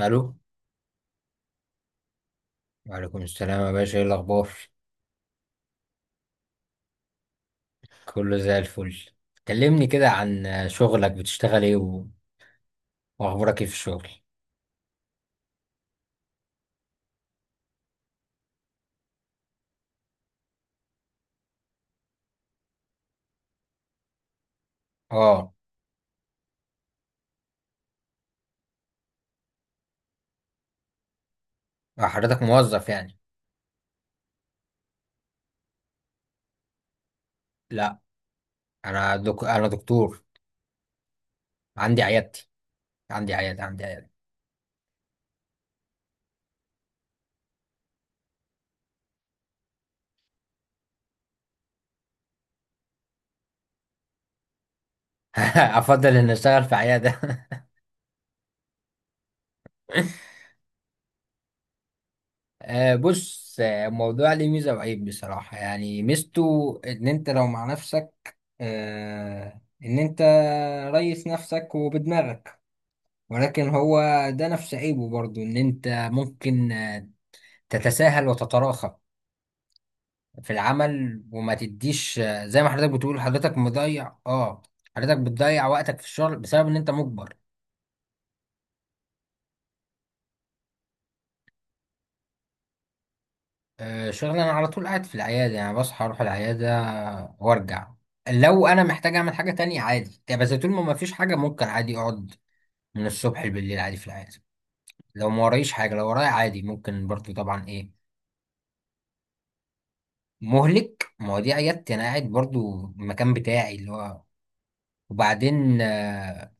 الو. وعليكم السلام يا باشا، ايه الاخبار؟ كله زي الفل. كلمني كده عن شغلك، بتشتغل ايه واخبارك ايه في الشغل؟ اه. حضرتك موظف يعني؟ لا، انا انا دكتور، عندي عيادتي. عندي عيادة. افضل ان اشتغل في عيادة. بص، الموضوع ليه ميزة وعيب بصراحة. يعني ميزته ان انت لو مع نفسك، ان انت ريس نفسك وبدماغك. ولكن هو ده نفس عيبه برضو، ان انت ممكن تتساهل وتتراخى في العمل وما تديش، زي ما حضرتك بتقول، حضرتك مضيع. اه. حضرتك بتضيع وقتك في الشغل بسبب ان انت مجبر. شغل؟ انا على طول قاعد في العيادة يعني، بصحى اروح العيادة وارجع. لو انا محتاج اعمل حاجة تانية عادي يعني، بس طول ما فيش حاجة ممكن عادي اقعد من الصبح بالليل عادي في العيادة. لو ما ورايش حاجة، لو ورايا عادي ممكن برضو طبعا. ايه مهلك، ما هو دي عيادتي، انا قاعد برضو المكان بتاعي اللي هو. وبعدين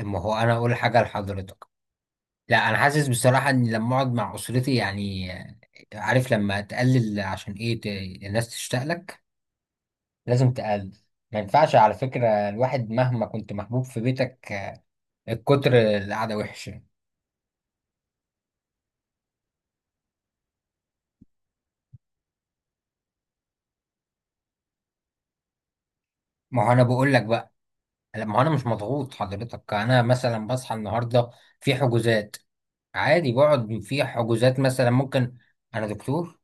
ما هو انا اقول حاجه لحضرتك. لا، انا حاسس بصراحه ان لما اقعد مع اسرتي يعني، عارف لما تقلل عشان ايه، الناس تشتاق لك. لازم تقلل. ما ينفعش على فكره الواحد مهما كنت محبوب في بيتك، الكتر القعده وحشه. ما هو انا بقول لك بقى. لا، ما هو انا مش مضغوط حضرتك. انا مثلا بصحى النهارده، في حجوزات. عادي بقعد في حجوزات مثلا ممكن. انا دكتور.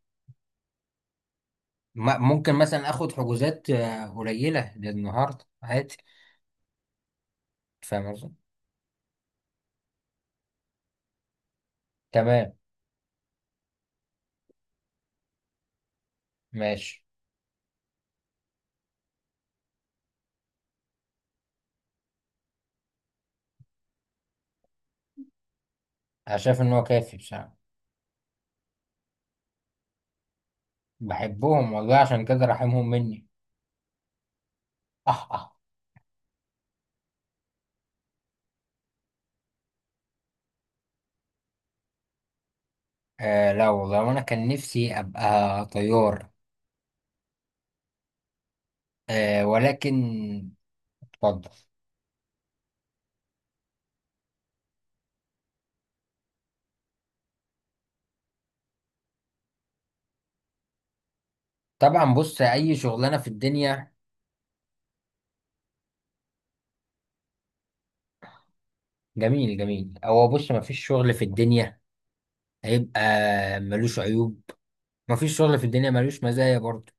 ممكن مثلا اخد حجوزات قليله للنهارده عادي. فاهم قصدي. تمام. ماشي. انا شايف ان هو كافي بصراحه. بحبهم والله، عشان كده رحمهم مني. اه اه. لا والله، وانا كان نفسي ابقى طيار. آه، ولكن... اتفضل. طبعا بص، اي شغلانه في الدنيا. جميل جميل. هو بص، مفيش شغل في الدنيا هيبقى ملوش عيوب. مفيش شغل في الدنيا ملوش مزايا برضه.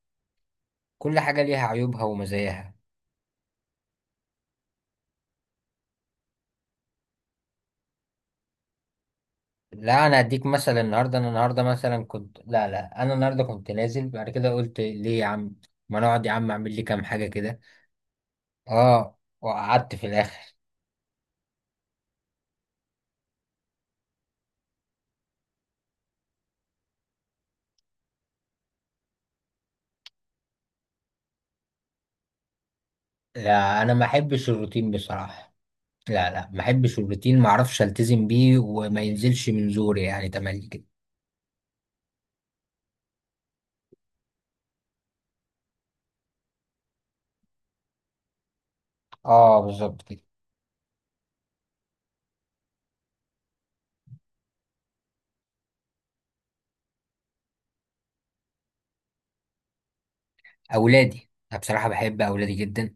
كل حاجه ليها عيوبها ومزاياها. لا، انا اديك مثلا النهارده، انا النهارده مثلا كنت، لا لا، انا النهارده كنت نازل بعد كده. قلت ليه يا عم ما نقعد يا عم، اعمل لي كام حاجه كده. اه، وقعدت في الاخر. لا، انا ما احبش الروتين بصراحه. لا لا، ما احبش الروتين، ما اعرفش التزم بيه وما ينزلش من زوري يعني تملي كده. اه، بالظبط كده. اولادي، انا بصراحه بحب اولادي جدا.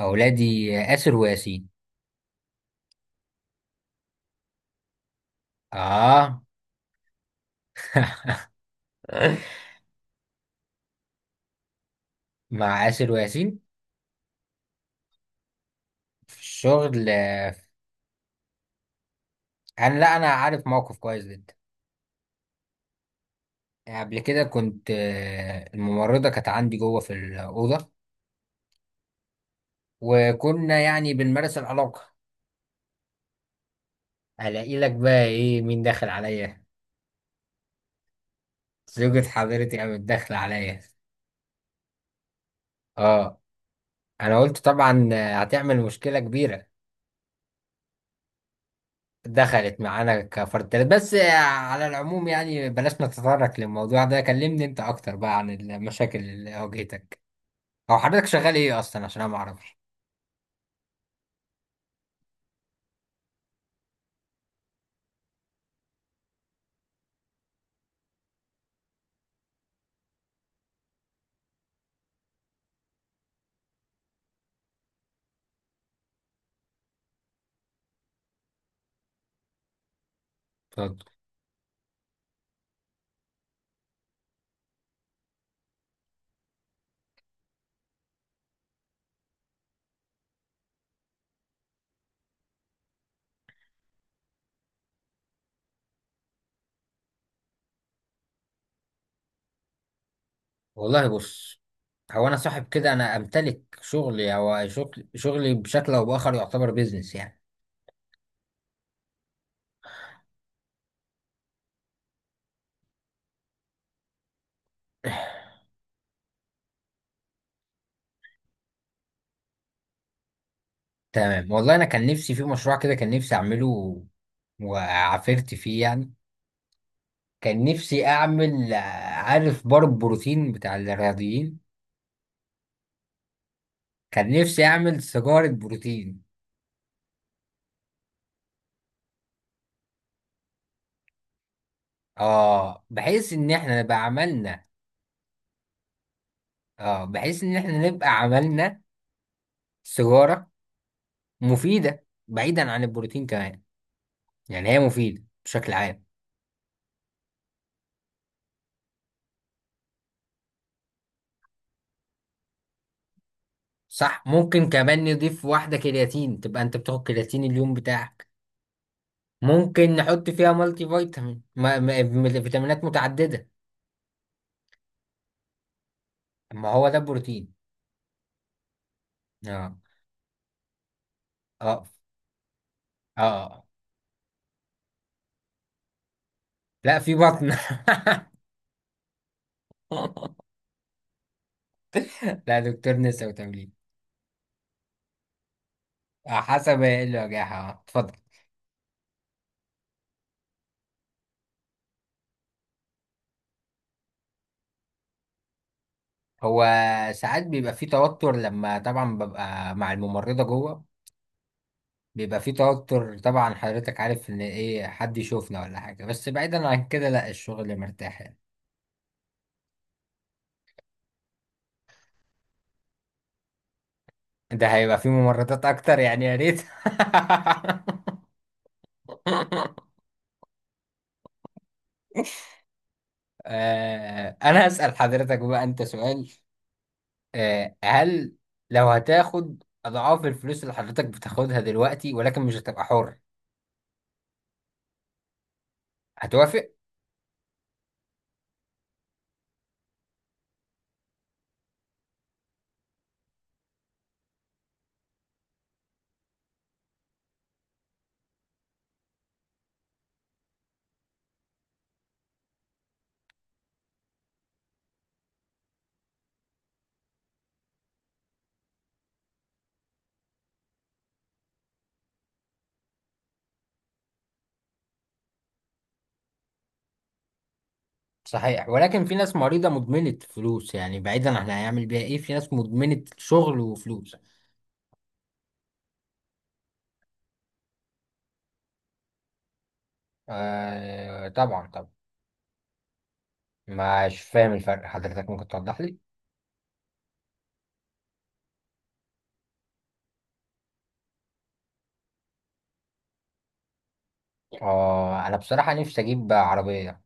اولادي آسر وياسين. اه. مع آسر وياسين. في الشغل، انا... لا، انا عارف موقف كويس جدا. قبل كده كنت، الممرضة كانت عندي جوه في الأوضة وكنا يعني بنمارس العلاقة. ألاقي لك بقى إيه، مين داخل عليا؟ زوجة حضرتي قامت داخلة عليا. آه. أنا قلت طبعا هتعمل مشكلة كبيرة. دخلت معانا كفرد تالت بس. على العموم يعني، بلاش نتطرق للموضوع ده. كلمني أنت أكتر بقى عن المشاكل اللي واجهتك. أو حضرتك شغال إيه أصلا عشان أنا معرفش؟ اتفضل. والله بص، هو انا صاحب، كده انا امتلك شغلي، او شغل شغلي بشكل او باخر يعتبر بيزنس يعني. تمام، والله انا كان نفسي في مشروع كده، كان نفسي اعمله وعافرت فيه يعني. كان نفسي اعمل، عارف بار البروتين بتاع الرياضيين، كان نفسي اعمل سيجارة بروتين. اه، بحيث ان احنا نبقى عملنا. اه، بحيث ان احنا نبقى عملنا سيجارة مفيدة بعيدا عن البروتين كمان. يعني هي مفيدة بشكل عام. صح، ممكن كمان نضيف واحدة كرياتين تبقى انت بتاخد كرياتين اليوم بتاعك. ممكن نحط فيها مالتي فيتامين، ما ما م- فيتامينات متعددة. ما هو ده بروتين. اه اه اه. آه. لا، في بطن. لا، دكتور نسا وتمرين. حسب ايه اللي واجهها، اتفضل. هو ساعات بيبقى في توتر لما طبعا ببقى مع الممرضة جوه. بيبقى في توتر طبعا، حضرتك عارف ان ايه، حد يشوفنا ولا حاجة. بس بعيدا عن كده، لا، الشغل مرتاح يعني. ده هيبقى فيه ممرضات اكتر يعني، يا ريت. انا هسأل حضرتك بقى انت سؤال. هل لو هتاخد اضعاف الفلوس اللي حضرتك بتاخدها دلوقتي ولكن مش هتبقى حر، هتوافق؟ صحيح. ولكن في ناس مريضة مدمنة فلوس يعني، بعيدا احنا هيعمل بيها ايه، في ناس مدمنة شغل وفلوس. آه طبعا طبعا. مش فاهم الفرق حضرتك، ممكن توضح لي؟ اه، انا بصراحة نفسي اجيب عربية.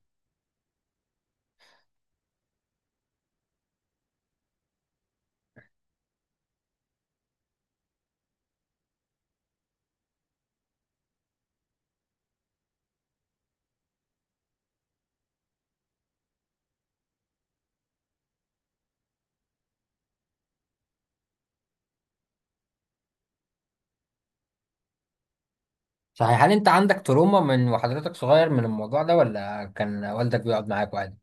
صحيح. هل انت عندك تروما، من وحضرتك صغير، من الموضوع ده، ولا كان والدك بيقعد معاك عادي؟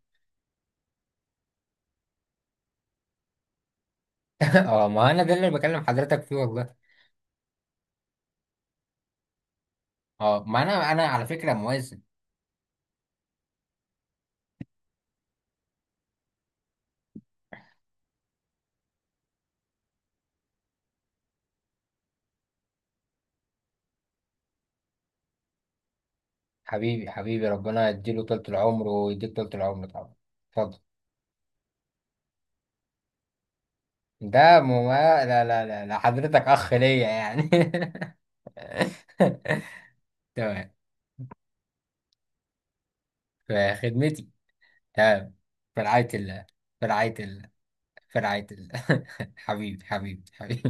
اه، ما انا ده اللي بكلم حضرتك فيه والله. اه، ما انا على فكرة موازن. حبيبي حبيبي، ربنا يديله طولة العمر ويديك طولة العمر طبعا. اتفضل. ده مو... ما- لا لا لا لا، حضرتك اخ ليا يعني. تمام. في خدمتي. تمام. في رعاية الله. في رعاية الله. في رعاية الله. حبيبي حبيبي حبيبي.